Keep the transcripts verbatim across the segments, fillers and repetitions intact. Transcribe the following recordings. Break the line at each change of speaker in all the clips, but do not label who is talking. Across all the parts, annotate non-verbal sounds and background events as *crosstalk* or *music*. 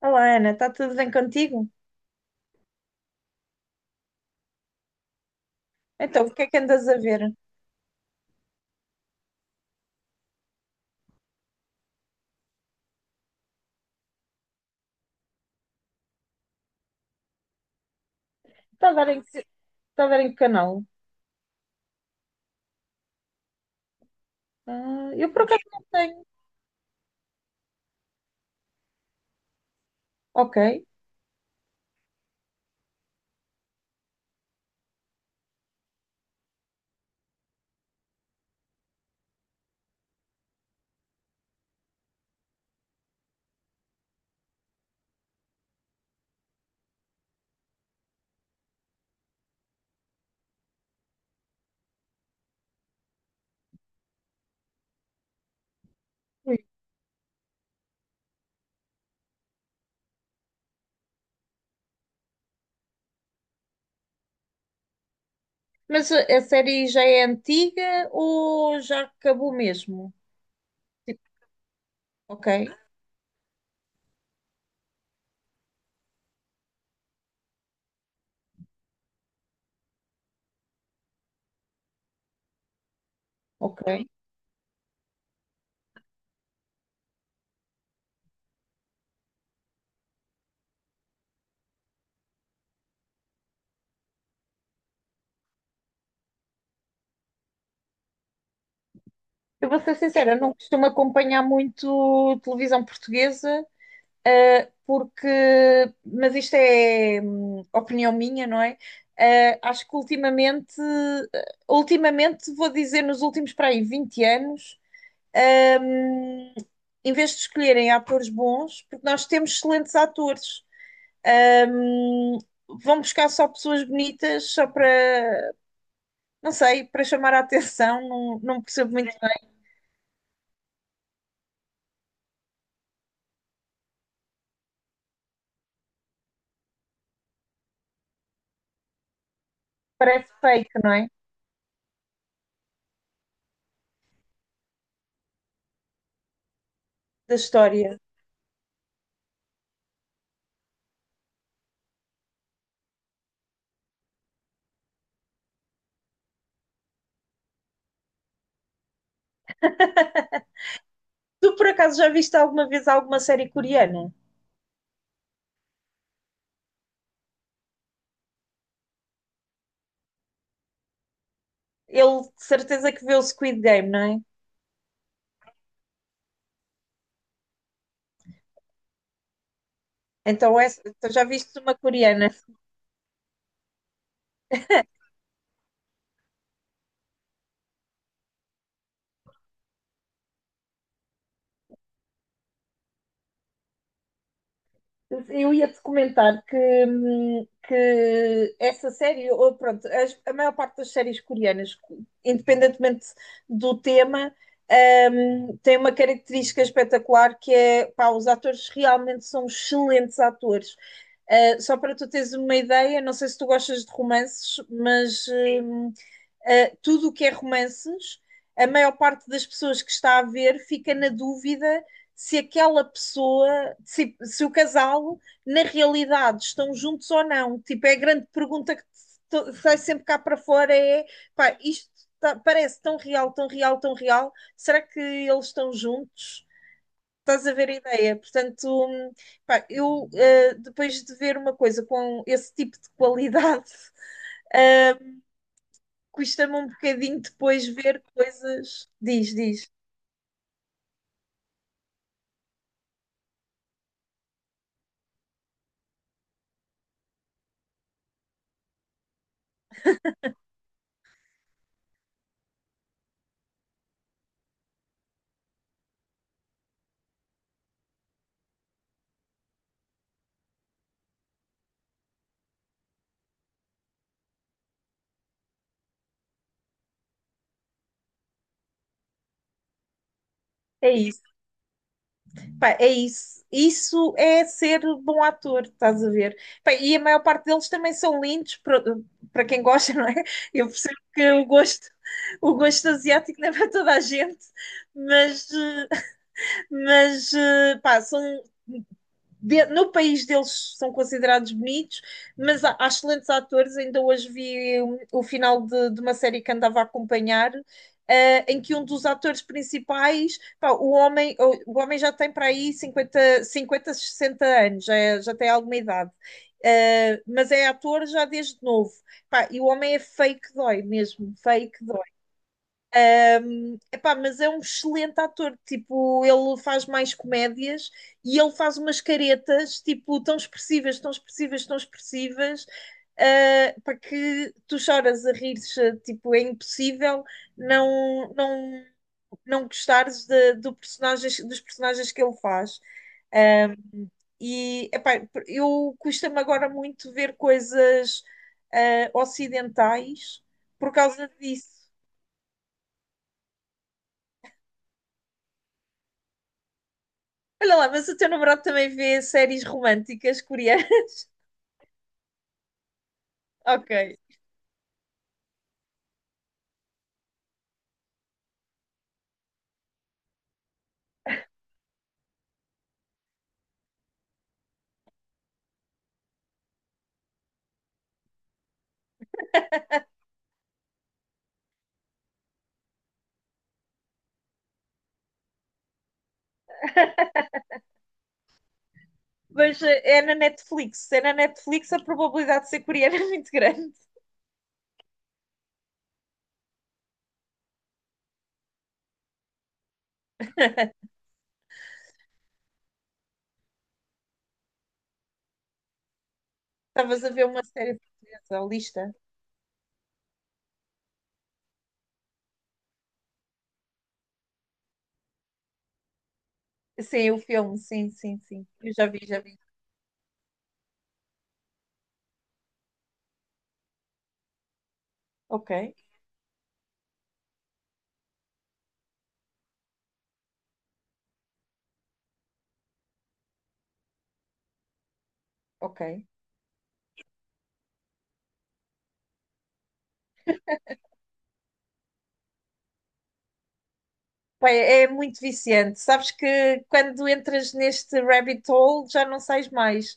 Olá, Ana, está tudo bem contigo? Então, o que é que andas a ver? Está a ver em que, está a ver em que canal? Ah, eu por acaso não tenho. Ok. Ui. Mas a a série já é antiga ou já acabou mesmo? Tipo, ok, ok. Eu vou ser sincera, eu não costumo acompanhar muito televisão portuguesa, ah, porque, mas isto é hum, opinião minha, não é? Ah, acho que ultimamente, ah, ultimamente, vou dizer nos últimos para aí vinte anos. Ahm, em vez de escolherem atores bons, porque nós temos excelentes atores. Ahm, vão buscar só pessoas bonitas, só para, não sei, para chamar a atenção. Não, não percebo muito bem. Parece fake, não é? Da história. Tu, por acaso, já viste alguma vez alguma série coreana? Ele, de certeza que vê o Squid Game, não é? Então, essa- então já viste uma coreana? Eu ia-te comentar que, hum, que essa série, ou pronto, as- a maior parte das séries coreanas, independentemente do tema, hum, tem uma característica espetacular que é, pá, os atores realmente são excelentes atores. Uh, só para tu teres uma ideia, não sei se tu gostas de romances, mas sim, uh, tudo o que é romances, a maior parte das pessoas que está a ver fica na dúvida se aquela pessoa, se, se o casal, na realidade, estão juntos ou não. Tipo, é a grande pergunta que sai sempre cá para fora é, pá, isto tá, parece tão real, tão real, tão real. Será que eles estão juntos? Estás a ver a ideia? Portanto, hum, pá, eu uh, depois de ver uma coisa com esse tipo de qualidade, *laughs* uh, custa-me um bocadinho depois ver coisas. Diz, diz. É isso. Pá, é isso. Isso é ser bom ator, estás a ver? Pá, e a maior parte deles também são lindos, para para quem gosta, *laughs* não é? Eu percebo que o gosto, o gosto asiático não é para toda a gente, mas, eh, mas eh, pá, são de- no país deles são considerados bonitos, mas há, há excelentes atores. Ainda hoje vi um, o final de, de uma série que andava a acompanhar, eh, em que um dos atores principais, pá, o homem, o, o homem já tem para aí cinquenta cinquenta sessenta anos, já, é- já tem alguma idade. Eh, mas é ator já desde novo. Pá, e o homem é fake dói mesmo, fake. Epá, mas é um excelente ator, tipo, ele faz mais comédias e ele faz umas caretas, tipo, tão expressivas, tão expressivas, tão expressivas, ah, para que tu choras a rir, tipo, é impossível não não não gostares de- do personagens, dos personagens que ele faz. Ah, e, epá, eu custa-me agora muito ver coisas ah, ocidentais por causa disso. Olha lá, mas o teu namorado também vê séries românticas coreanas? *laughs* Ok. Mas eh, é na Netflix. Se é na Netflix, a probabilidade de ser coreana *laughs* é muito grande. Estavas a ver uma série portuguesa, a lista? Sim, o filme, sim, sim, sim. Eu já vi, já vi. Ok, ok. Pá, É é muito viciante. Sabes que quando entras neste rabbit hole já não sais mais.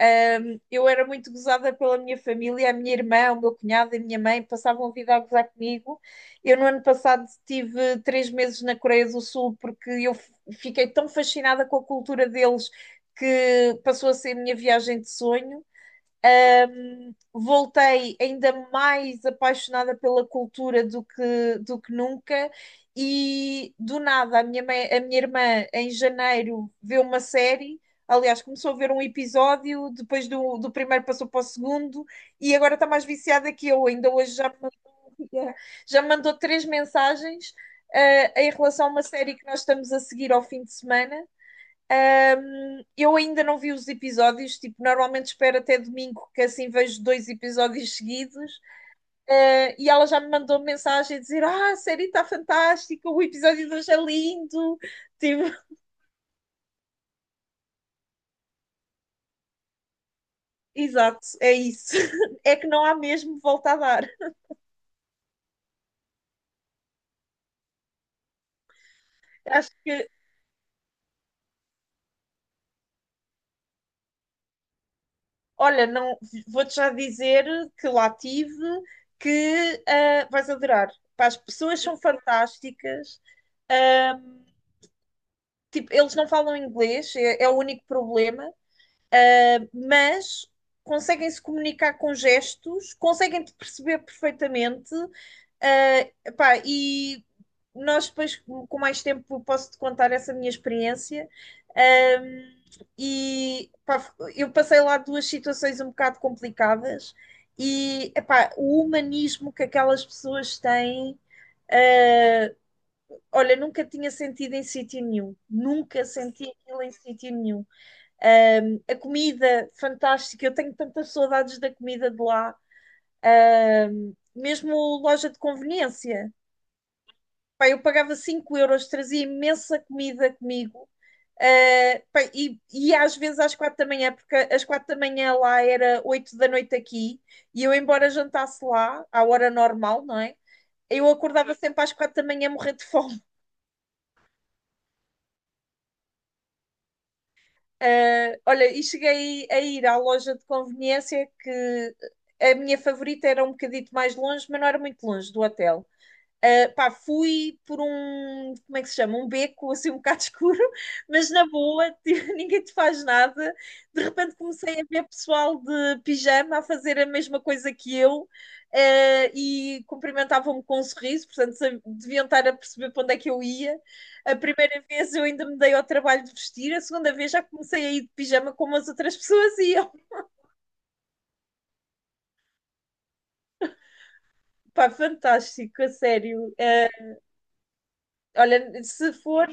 Ahm, eu era muito gozada pela minha família, a minha irmã, o meu cunhado e a minha mãe passavam a vida a gozar comigo. Eu, no ano passado, tive três meses na Coreia do Sul porque eu f- fiquei tão fascinada com a cultura deles que passou a ser a minha viagem de sonho. hum, voltei ainda mais apaixonada pela cultura do que, do que nunca. E do nada, a minha, mãe- a minha irmã, em janeiro, vê uma série. Aliás, começou a ver um episódio, depois do, do primeiro passou para o segundo, e agora está mais viciada que eu. Ainda hoje já me mandou, *laughs* já me mandou três mensagens, eh, em relação a uma série que nós estamos a seguir ao fim de semana. Eu ainda não vi os episódios, tipo, normalmente espero até domingo, que assim vejo dois episódios seguidos, eh, e ela já me mandou mensagem a dizer: Ah, a série está fantástica, o episódio de hoje é lindo. Tipo, *laughs* exato, é isso. *laughs* É que não há mesmo volta a dar. Acho que, olha, não vou-te já dizer que lá tive, que ah, vais adorar. Pá, as pessoas são fantásticas. Ah, tipo, eles não falam inglês, é, é o único problema. Mas conseguem se comunicar com gestos, conseguem te perceber perfeitamente, ah, pá, e nós depois com mais tempo posso te contar essa minha experiência. Ahm, e pá, eu passei lá duas situações um bocado complicadas e epá, o humanismo que aquelas pessoas têm, olha, nunca tinha sentido em sítio nenhum, nunca senti aquilo em sítio nenhum. Um, a comida fantástica, eu tenho tantas saudades da comida de lá. Um, mesmo loja de conveniência. Pá, eu pagava cinco euros, trazia imensa comida comigo. Uh, pá, e, e às vezes às quatro da manhã, porque às quatro da manhã lá era oito da noite aqui, e eu, embora jantasse lá, à hora normal, não é? Eu acordava sempre às quatro da manhã a morrer de fome. Ah, olha, e cheguei a ir à loja de conveniência que a minha favorita era um bocadito mais longe, mas não era muito longe do hotel. Uh, pá, fui por um, como é que se chama? Um beco assim um bocado *laughs* escuro, mas na boa, *laughs* tipo, ninguém te faz nada. De repente comecei a ver pessoal de pijama a fazer a mesma coisa que eu, uh, e cumprimentavam-me com um sorriso, portanto sab- deviam estar a perceber para onde é que eu ia. A primeira vez eu ainda me dei ao trabalho de vestir, a segunda vez já comecei a ir de pijama como as outras *laughs* pessoas iam. Pá, fantástico, a sério. Uh, olha, se for.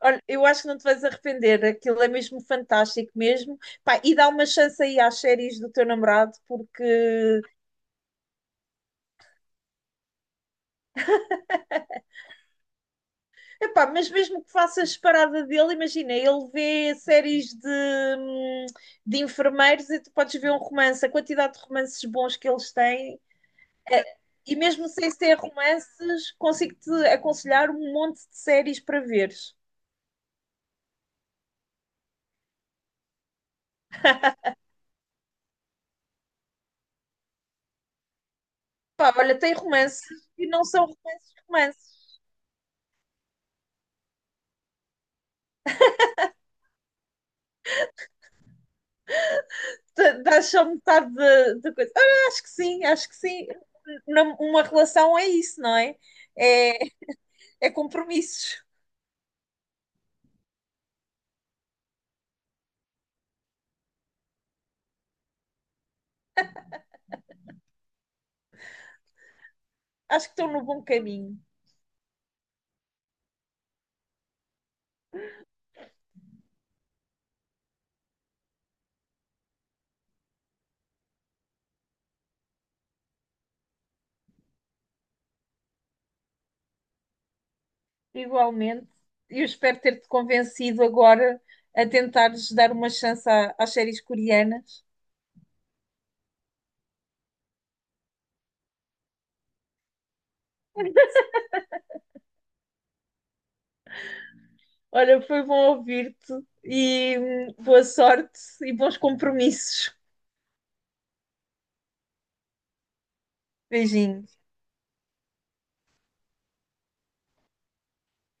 Olha, eu acho que não te vais arrepender, aquilo é mesmo fantástico mesmo. Pá, e dá uma chance aí às séries do teu namorado, porque, epá, mas mesmo que faças parada dele, imagina, ele vê séries de, hum, de enfermeiros e tu podes ver um romance, a quantidade de romances bons que eles têm. É, e mesmo sem ser romances, consigo-te aconselhar um monte de séries para veres. Pá, olha, tem romances e não são romances, romances. Dá só metade da da coisa. Ah, acho que sim, acho que sim. Na- Uma relação é isso, não é? É, é compromissos. Acho que estou no bom caminho. Igualmente, eu espero ter-te convencido agora a tentares dar uma chance à- às séries coreanas. Olha, foi bom ouvir-te e hum, boa sorte e bons compromissos. Beijinho.